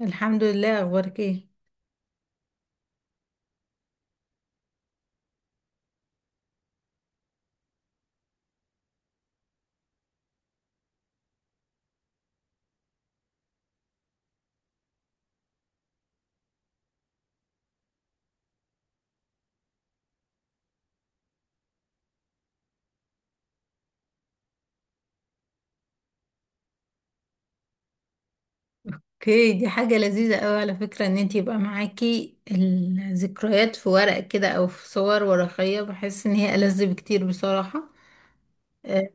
الحمد لله. اخبارك ايه؟ اوكي، دي حاجة لذيذة قوي على فكرة، ان انت يبقى معاكي الذكريات في ورق كده او في صور ورقية. بحس ان هي ألذ بكتير بصراحة. آه،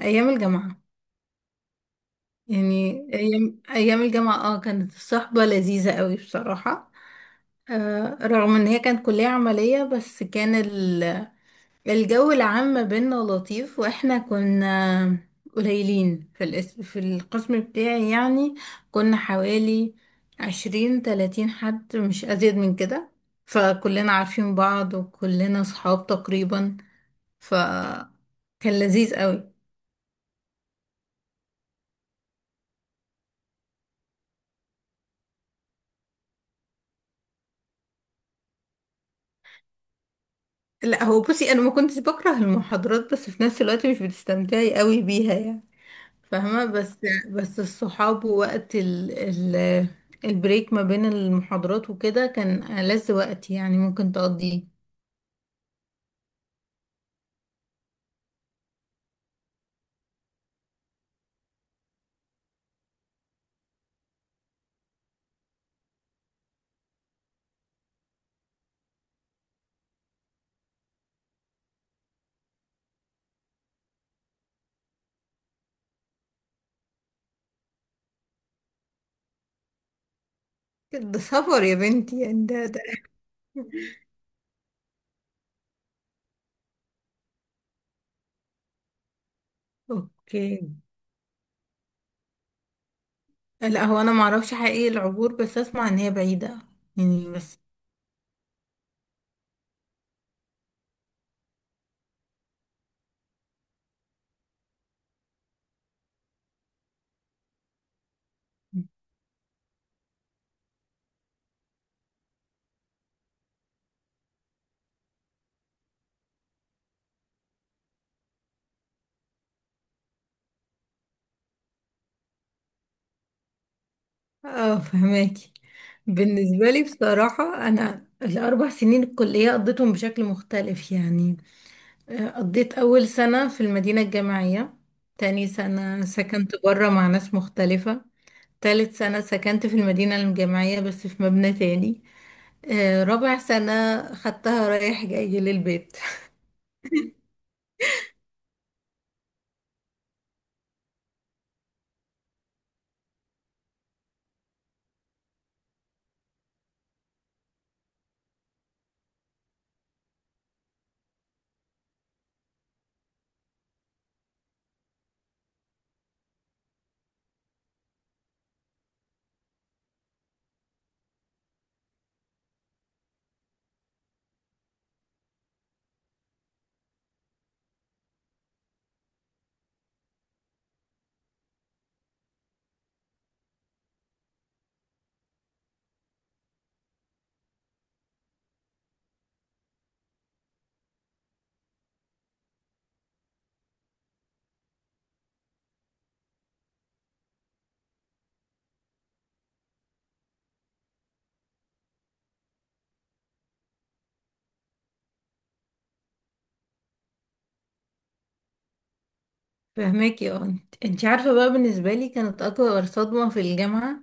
ايام الجامعة. يعني ايام الجامعة، اه كانت الصحبة لذيذة قوي بصراحة. رغم ان هي كانت كلية عملية، بس كان الجو العام ما بينا لطيف، واحنا كنا قليلين في القسم بتاعي يعني. كنا حوالي 20 30 حد، مش ازيد من كده. فكلنا عارفين بعض وكلنا صحاب تقريبا، فكان لذيذ قوي. لا، هو بصي، انا ما كنتش بكره المحاضرات، بس في نفس الوقت مش بتستمتعي قوي بيها يعني، فاهمة؟ بس الصحاب ووقت ال ال البريك ما بين المحاضرات وكده كان ألذ وقت يعني ممكن تقضيه. ده سفر يا بنتي، يعني ده اوكي. لا، هو انا معرفش حقيقي العبور، بس اسمع ان هي بعيدة يعني بس. اه، فهماكي. بالنسبة لي بصراحة، أنا الأربع سنين الكلية قضيتهم بشكل مختلف يعني. قضيت أول سنة في المدينة الجامعية، تاني سنة سكنت برا مع ناس مختلفة، تالت سنة سكنت في المدينة الجامعية بس في مبنى تاني. رابع سنة خدتها رايح جاي للبيت. فهماكي. اه، انت انتي عارفة بقى، بالنسبة لي كانت أكبر صدمة في الجامعة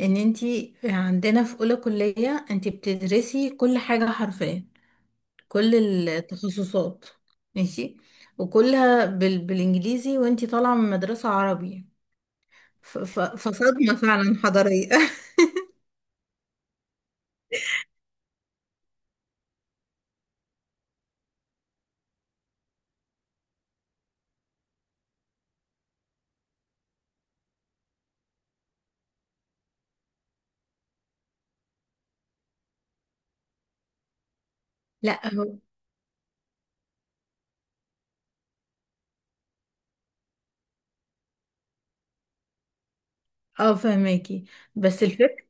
ان انتي عندنا في أولى كلية انتي بتدرسي كل حاجة حرفيا، كل التخصصات ماشي، وكلها بالإنجليزي، وانتي طالعة من مدرسة عربي. فصدمة فعلا حضارية. لا هو- اه، فهماكي. بس الفكرة،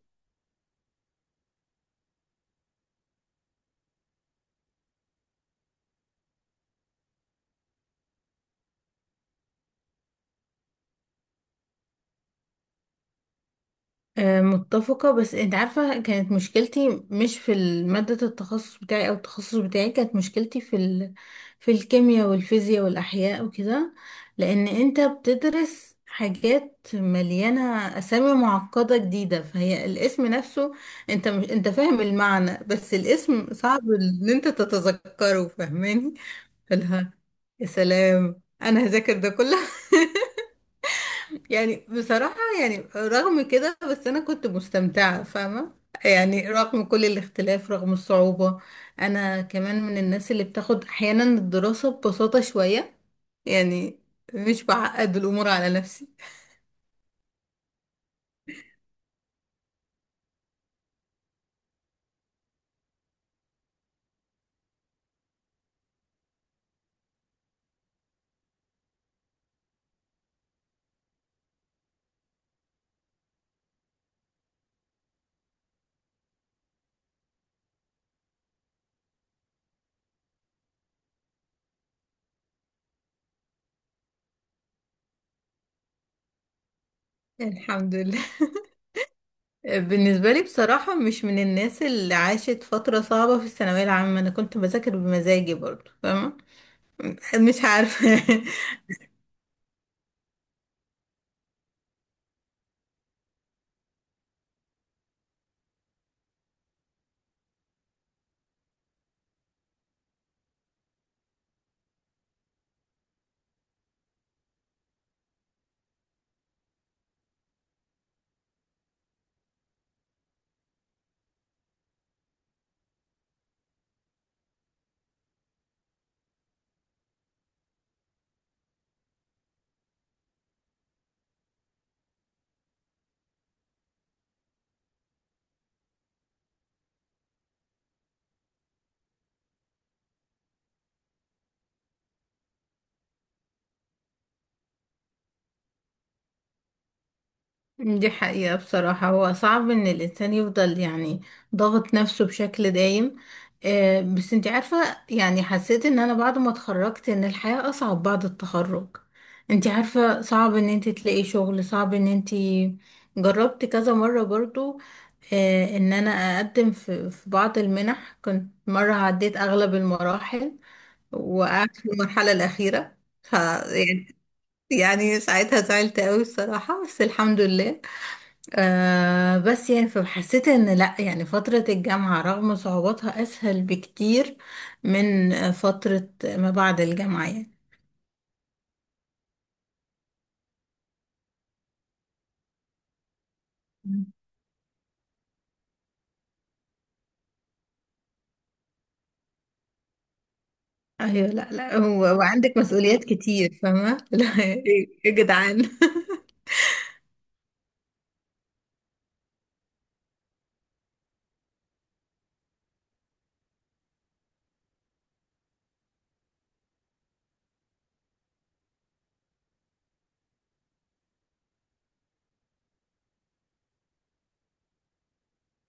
متفقة. بس انت عارفة، كانت مشكلتي مش في مادة التخصص بتاعي، او التخصص بتاعي كانت مشكلتي في الكيمياء والفيزياء والاحياء وكده، لان انت بتدرس حاجات مليانة اسامي معقدة جديدة. فهي الاسم نفسه، انت مش... انت فاهم المعنى، بس الاسم صعب ان انت تتذكره، فاهماني؟ فالها يا سلام، انا هذاكر ده كله يعني. بصراحة يعني رغم كده، بس أنا كنت مستمتعة فاهمة. يعني رغم كل الاختلاف، رغم الصعوبة. أنا كمان من الناس اللي بتاخد أحيانا الدراسة ببساطة شوية يعني، مش بعقد الأمور على نفسي يعني. الحمد لله. بالنسبة لي بصراحة، مش من الناس اللي عاشت فترة صعبة في الثانوية العامة. أنا كنت بذاكر بمزاجي برضو فاهمة. مش عارفة. دي حقيقة بصراحة. هو صعب ان الانسان يفضل يعني ضاغط نفسه بشكل دايم. بس انت عارفة، يعني حسيت ان انا بعد ما اتخرجت ان الحياة اصعب بعد التخرج. انت عارفة صعب ان انت تلاقي شغل، صعب ان انت جربت كذا مرة برضو. ان انا اقدم في بعض المنح، كنت مرة عديت اغلب المراحل، وقعدت في المرحلة الاخيرة. ف يعني، يعني ساعتها زعلت قوي بصراحة، بس الحمد لله. آه، بس يعني فحسيت ان لا، يعني فترة الجامعة رغم صعوباتها اسهل بكتير من فترة ما بعد الجامعة يعني. مم. ايوه. لا لا هو- وعندك مسؤوليات كتير فاهمة. لا ايه يا جدعان.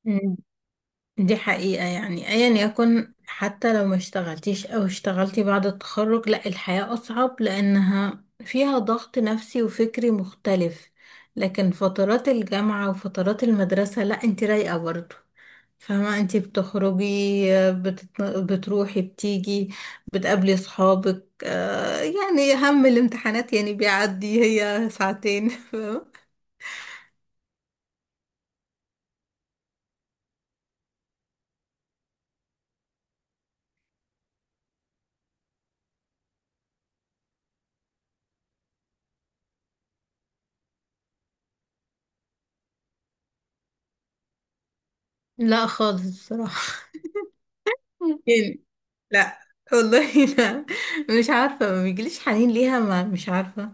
مم. دي حقيقة، يعني ايا يكن، حتى لو ما اشتغلتيش او اشتغلتي بعد التخرج، لا الحياة اصعب لانها فيها ضغط نفسي وفكري مختلف. لكن فترات الجامعة وفترات المدرسة، لا انت رايقة برضه. فاهمة، انتي بتخرجي، بتروحي بتيجي، بتقابلي صحابك. آه، يعني هم الامتحانات يعني بيعدي، هي ساعتين فاهمة. لا خالص بصراحة. يعني لا. والله لا، مش عارفة، ما بيجيليش حنين ليها، ما مش عارفة.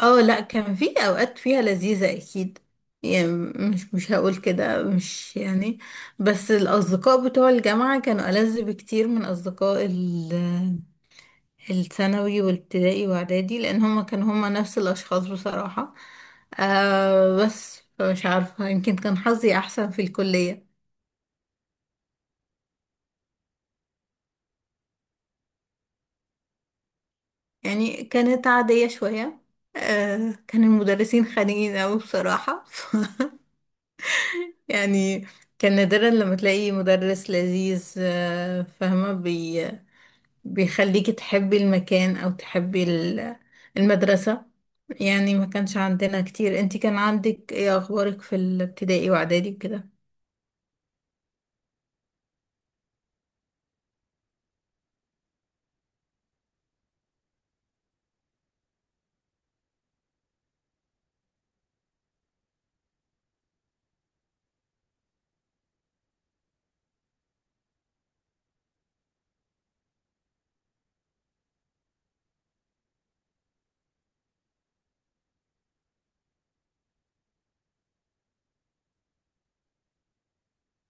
اه لا، كان في اوقات فيها لذيذة اكيد يعني. مش هقول كده، مش يعني. بس الاصدقاء بتوع الجامعة كانوا ألذ بكتير من اصدقاء الثانوي والابتدائي واعدادي، لان هما كانوا هما نفس الاشخاص بصراحة. آه، بس مش عارفة، يمكن كان حظي احسن في الكلية. يعني كانت عادية شوية. آه، كان المدرسين خانقين اوي بصراحة. يعني كان نادرا لما تلاقي مدرس لذيذ. فاهمة، بي بيخليكي تحبي المكان أو تحبي المدرسة يعني. ما كانش عندنا كتير. انتي كان عندك ايه اخبارك في الابتدائي واعدادي وكده؟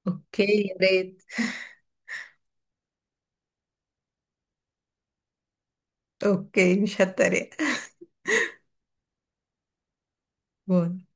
اوكي يا ريت. اوكي مش هتريق. باي.